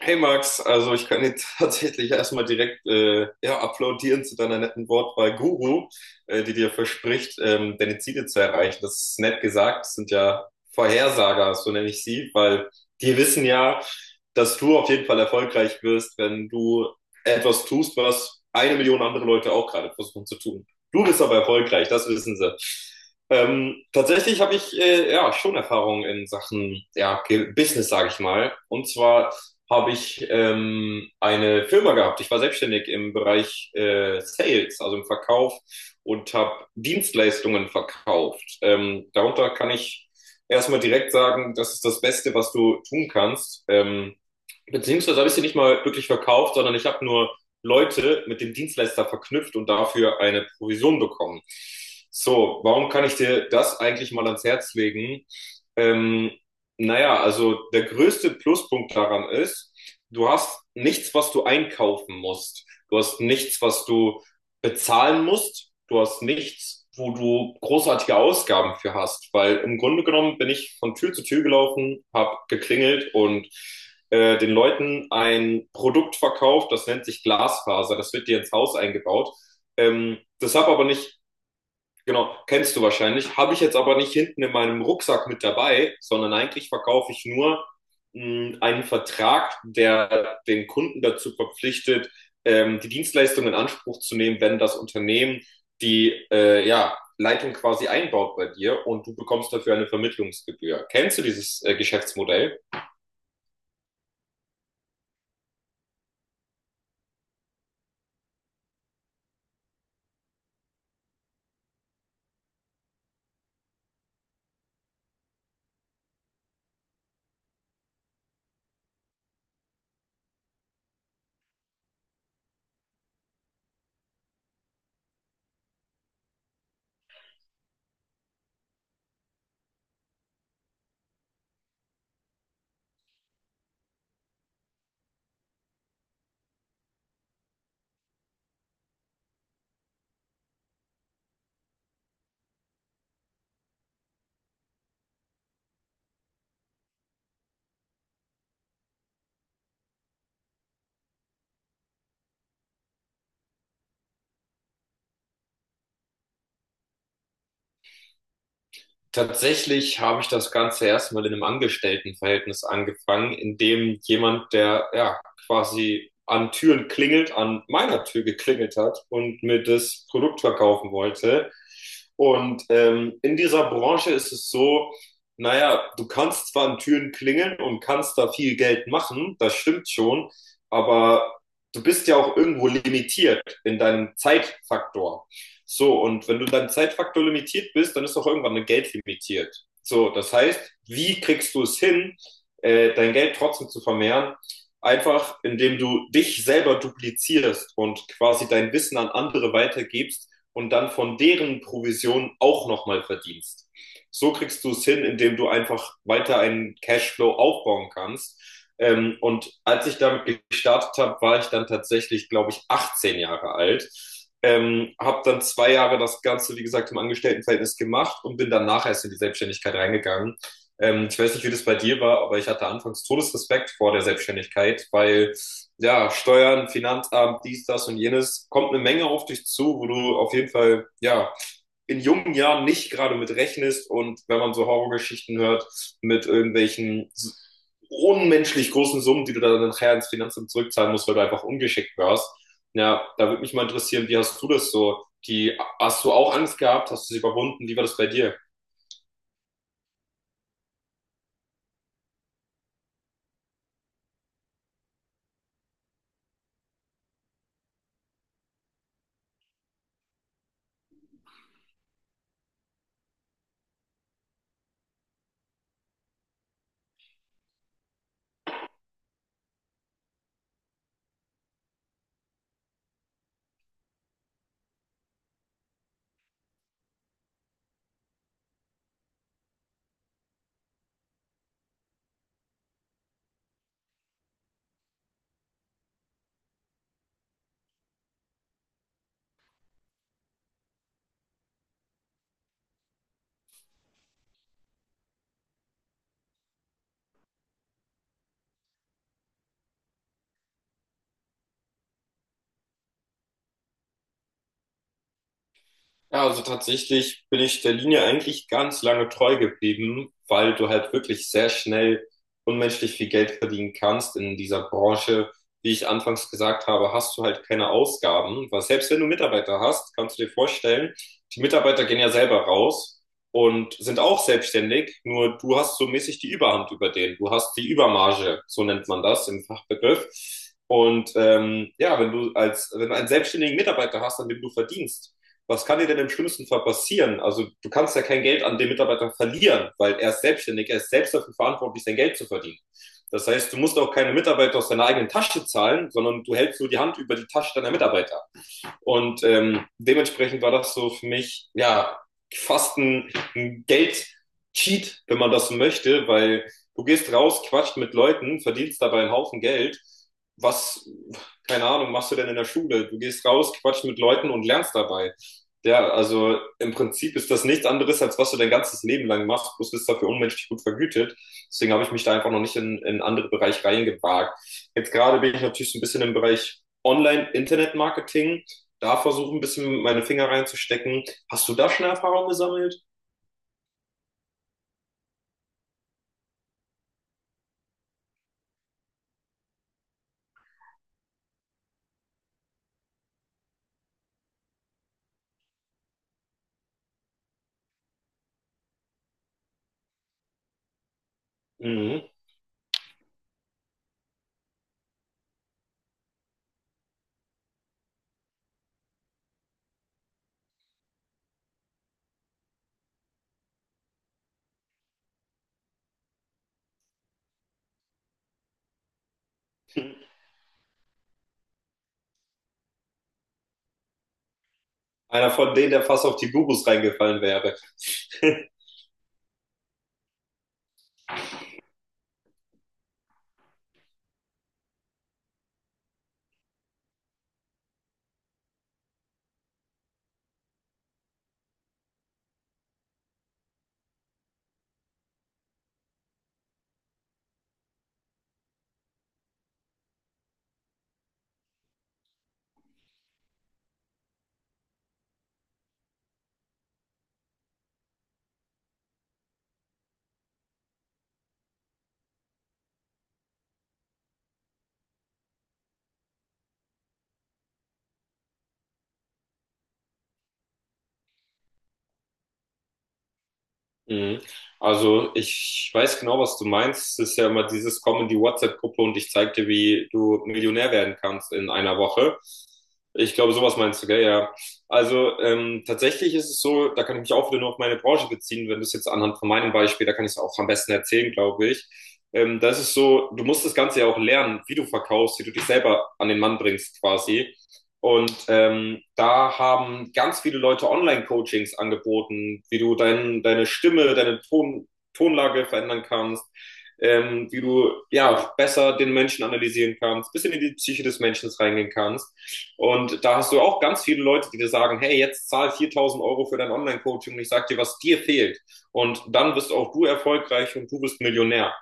Hey Max, also ich kann dir tatsächlich erstmal direkt ja, applaudieren zu deiner netten Wortwahl Guru, die dir verspricht, deine Ziele zu erreichen. Das ist nett gesagt, das sind ja Vorhersager, so nenne ich sie, weil die wissen ja, dass du auf jeden Fall erfolgreich wirst, wenn du etwas tust, was 1 Million andere Leute auch gerade versuchen zu tun. Du bist aber erfolgreich, das wissen sie. Tatsächlich habe ich ja schon Erfahrung in Sachen ja, Business, sage ich mal. Und zwar habe ich eine Firma gehabt. Ich war selbstständig im Bereich Sales, also im Verkauf und habe Dienstleistungen verkauft. Darunter kann ich erstmal direkt sagen, das ist das Beste, was du tun kannst. Beziehungsweise habe ich sie nicht mal wirklich verkauft, sondern ich habe nur Leute mit dem Dienstleister verknüpft und dafür eine Provision bekommen. So, warum kann ich dir das eigentlich mal ans Herz legen? Ähm, naja, also der größte Pluspunkt daran ist, du hast nichts, was du einkaufen musst. Du hast nichts, was du bezahlen musst. Du hast nichts, wo du großartige Ausgaben für hast. Weil im Grunde genommen bin ich von Tür zu Tür gelaufen, habe geklingelt und den Leuten ein Produkt verkauft, das nennt sich Glasfaser. Das wird dir ins Haus eingebaut. Das habe aber nicht, genau, kennst du wahrscheinlich, habe ich jetzt aber nicht hinten in meinem Rucksack mit dabei, sondern eigentlich verkaufe ich nur einen Vertrag, der den Kunden dazu verpflichtet, die Dienstleistung in Anspruch zu nehmen, wenn das Unternehmen die ja, Leitung quasi einbaut bei dir und du bekommst dafür eine Vermittlungsgebühr. Kennst du dieses Geschäftsmodell? Tatsächlich habe ich das Ganze erstmal in einem Angestelltenverhältnis angefangen, in dem jemand, der ja quasi an Türen klingelt, an meiner Tür geklingelt hat und mir das Produkt verkaufen wollte. Und in dieser Branche ist es so, naja, du kannst zwar an Türen klingeln und kannst da viel Geld machen, das stimmt schon, aber du bist ja auch irgendwo limitiert in deinem Zeitfaktor. So, und wenn du dann Zeitfaktor limitiert bist, dann ist auch irgendwann dein Geld limitiert. So, das heißt, wie kriegst du es hin, dein Geld trotzdem zu vermehren? Einfach, indem du dich selber duplizierst und quasi dein Wissen an andere weitergibst und dann von deren Provision auch nochmal verdienst. So kriegst du es hin, indem du einfach weiter einen Cashflow aufbauen kannst. Und als ich damit gestartet habe, war ich dann tatsächlich, glaube ich, 18 Jahre alt. Habe dann 2 Jahre das Ganze, wie gesagt, im Angestelltenverhältnis gemacht und bin danach erst in die Selbstständigkeit reingegangen. Ich weiß nicht, wie das bei dir war, aber ich hatte anfangs Todesrespekt vor der Selbstständigkeit, weil ja, Steuern, Finanzamt, dies, das und jenes, kommt eine Menge auf dich zu, wo du auf jeden Fall, ja, in jungen Jahren nicht gerade mit rechnest und wenn man so Horrorgeschichten hört, mit irgendwelchen unmenschlich großen Summen, die du dann nachher ins Finanzamt zurückzahlen musst, weil du einfach ungeschickt warst. Ja, da würde mich mal interessieren, wie hast du das so? Hast du auch Angst gehabt? Hast du sie überwunden? Wie war das bei dir? Ja, also tatsächlich bin ich der Linie eigentlich ganz lange treu geblieben, weil du halt wirklich sehr schnell unmenschlich viel Geld verdienen kannst in dieser Branche. Wie ich anfangs gesagt habe, hast du halt keine Ausgaben, weil selbst wenn du Mitarbeiter hast, kannst du dir vorstellen, die Mitarbeiter gehen ja selber raus und sind auch selbstständig, nur du hast so mäßig die Überhand über den. Du hast die Übermarge, so nennt man das im Fachbegriff. Und ja, wenn du einen selbstständigen Mitarbeiter hast, an dem du verdienst, was kann dir denn im schlimmsten Fall passieren? Also du kannst ja kein Geld an den Mitarbeiter verlieren, weil er ist selbstständig, er ist selbst dafür verantwortlich, sein Geld zu verdienen. Das heißt, du musst auch keine Mitarbeiter aus deiner eigenen Tasche zahlen, sondern du hältst nur die Hand über die Tasche deiner Mitarbeiter. Und dementsprechend war das so für mich, ja, fast ein, ein Geld-Cheat, wenn man das so möchte, weil du gehst raus, quatscht mit Leuten, verdienst dabei einen Haufen Geld. Was, keine Ahnung, machst du denn in der Schule? Du gehst raus, quatscht mit Leuten und lernst dabei. Ja, also im Prinzip ist das nichts anderes, als was du dein ganzes Leben lang machst, bloß bist dafür unmenschlich gut vergütet. Deswegen habe ich mich da einfach noch nicht in andere Bereiche reingewagt. Jetzt gerade bin ich natürlich so ein bisschen im Bereich Online-Internet-Marketing, da versuche ein bisschen meine Finger reinzustecken. Hast du da schon Erfahrung gesammelt? Mhm. Einer von denen, der fast auf die Gurus reingefallen wäre. Mhm. Also ich weiß genau, was du meinst. Es ist ja immer dieses Komm in die WhatsApp-Gruppe und ich zeig dir, wie du Millionär werden kannst in einer Woche. Ich glaube, sowas meinst du, gell? Ja. Also tatsächlich ist es so, da kann ich mich auch wieder nur auf meine Branche beziehen, wenn du es jetzt anhand von meinem Beispiel, da kann ich es auch am besten erzählen, glaube ich. Das ist so, du musst das Ganze ja auch lernen, wie du verkaufst, wie du dich selber an den Mann bringst quasi. Und da haben ganz viele Leute Online-Coachings angeboten, wie deine Stimme, Tonlage verändern kannst, wie du ja besser den Menschen analysieren kannst, bisschen in die Psyche des Menschen reingehen kannst. Und da hast du auch ganz viele Leute, die dir sagen, hey, jetzt zahl 4.000 Euro für dein Online-Coaching und ich sag dir, was dir fehlt. Und dann bist auch du erfolgreich und du bist Millionär.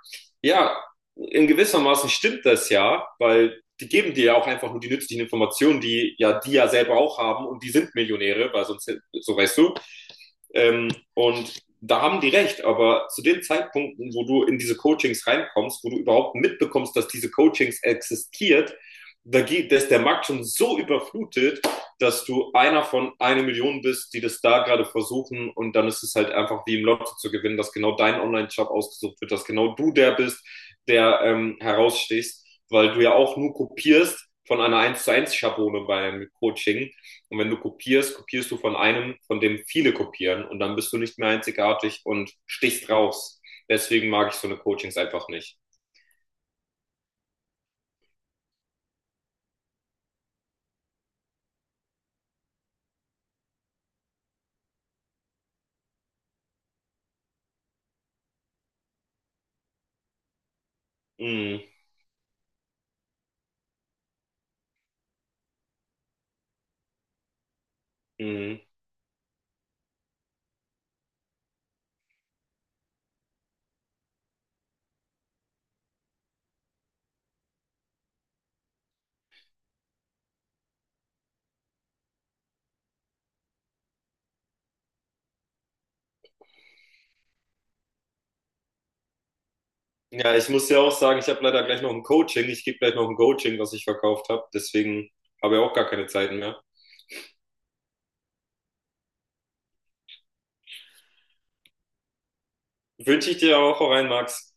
Ja, in gewisser Maßen stimmt das ja, weil die geben dir ja auch einfach nur die nützlichen Informationen, die ja selber auch haben und die sind Millionäre, weil sonst, so weißt du. Und da haben die recht, aber zu den Zeitpunkten, wo du in diese Coachings reinkommst, wo du überhaupt mitbekommst, dass diese Coachings existiert, da ist der Markt schon so überflutet, dass du einer von einer Million bist, die das da gerade versuchen und dann ist es halt einfach wie im Lotto zu gewinnen, dass genau dein Online-Shop ausgesucht wird, dass genau du der bist, der herausstehst, weil du ja auch nur kopierst von einer eins zu eins Schablone beim Coaching. Und wenn du kopierst, kopierst du von einem, von dem viele kopieren und dann bist du nicht mehr einzigartig und stichst raus. Deswegen mag ich so eine Coachings einfach nicht. Mhm. Mhm. Ja, ich muss ja auch sagen, ich habe leider gleich noch ein Coaching. Ich gebe gleich noch ein Coaching, was ich verkauft habe. Deswegen habe ich auch gar keine Zeiten mehr. Wünsche ich dir auch rein, Max.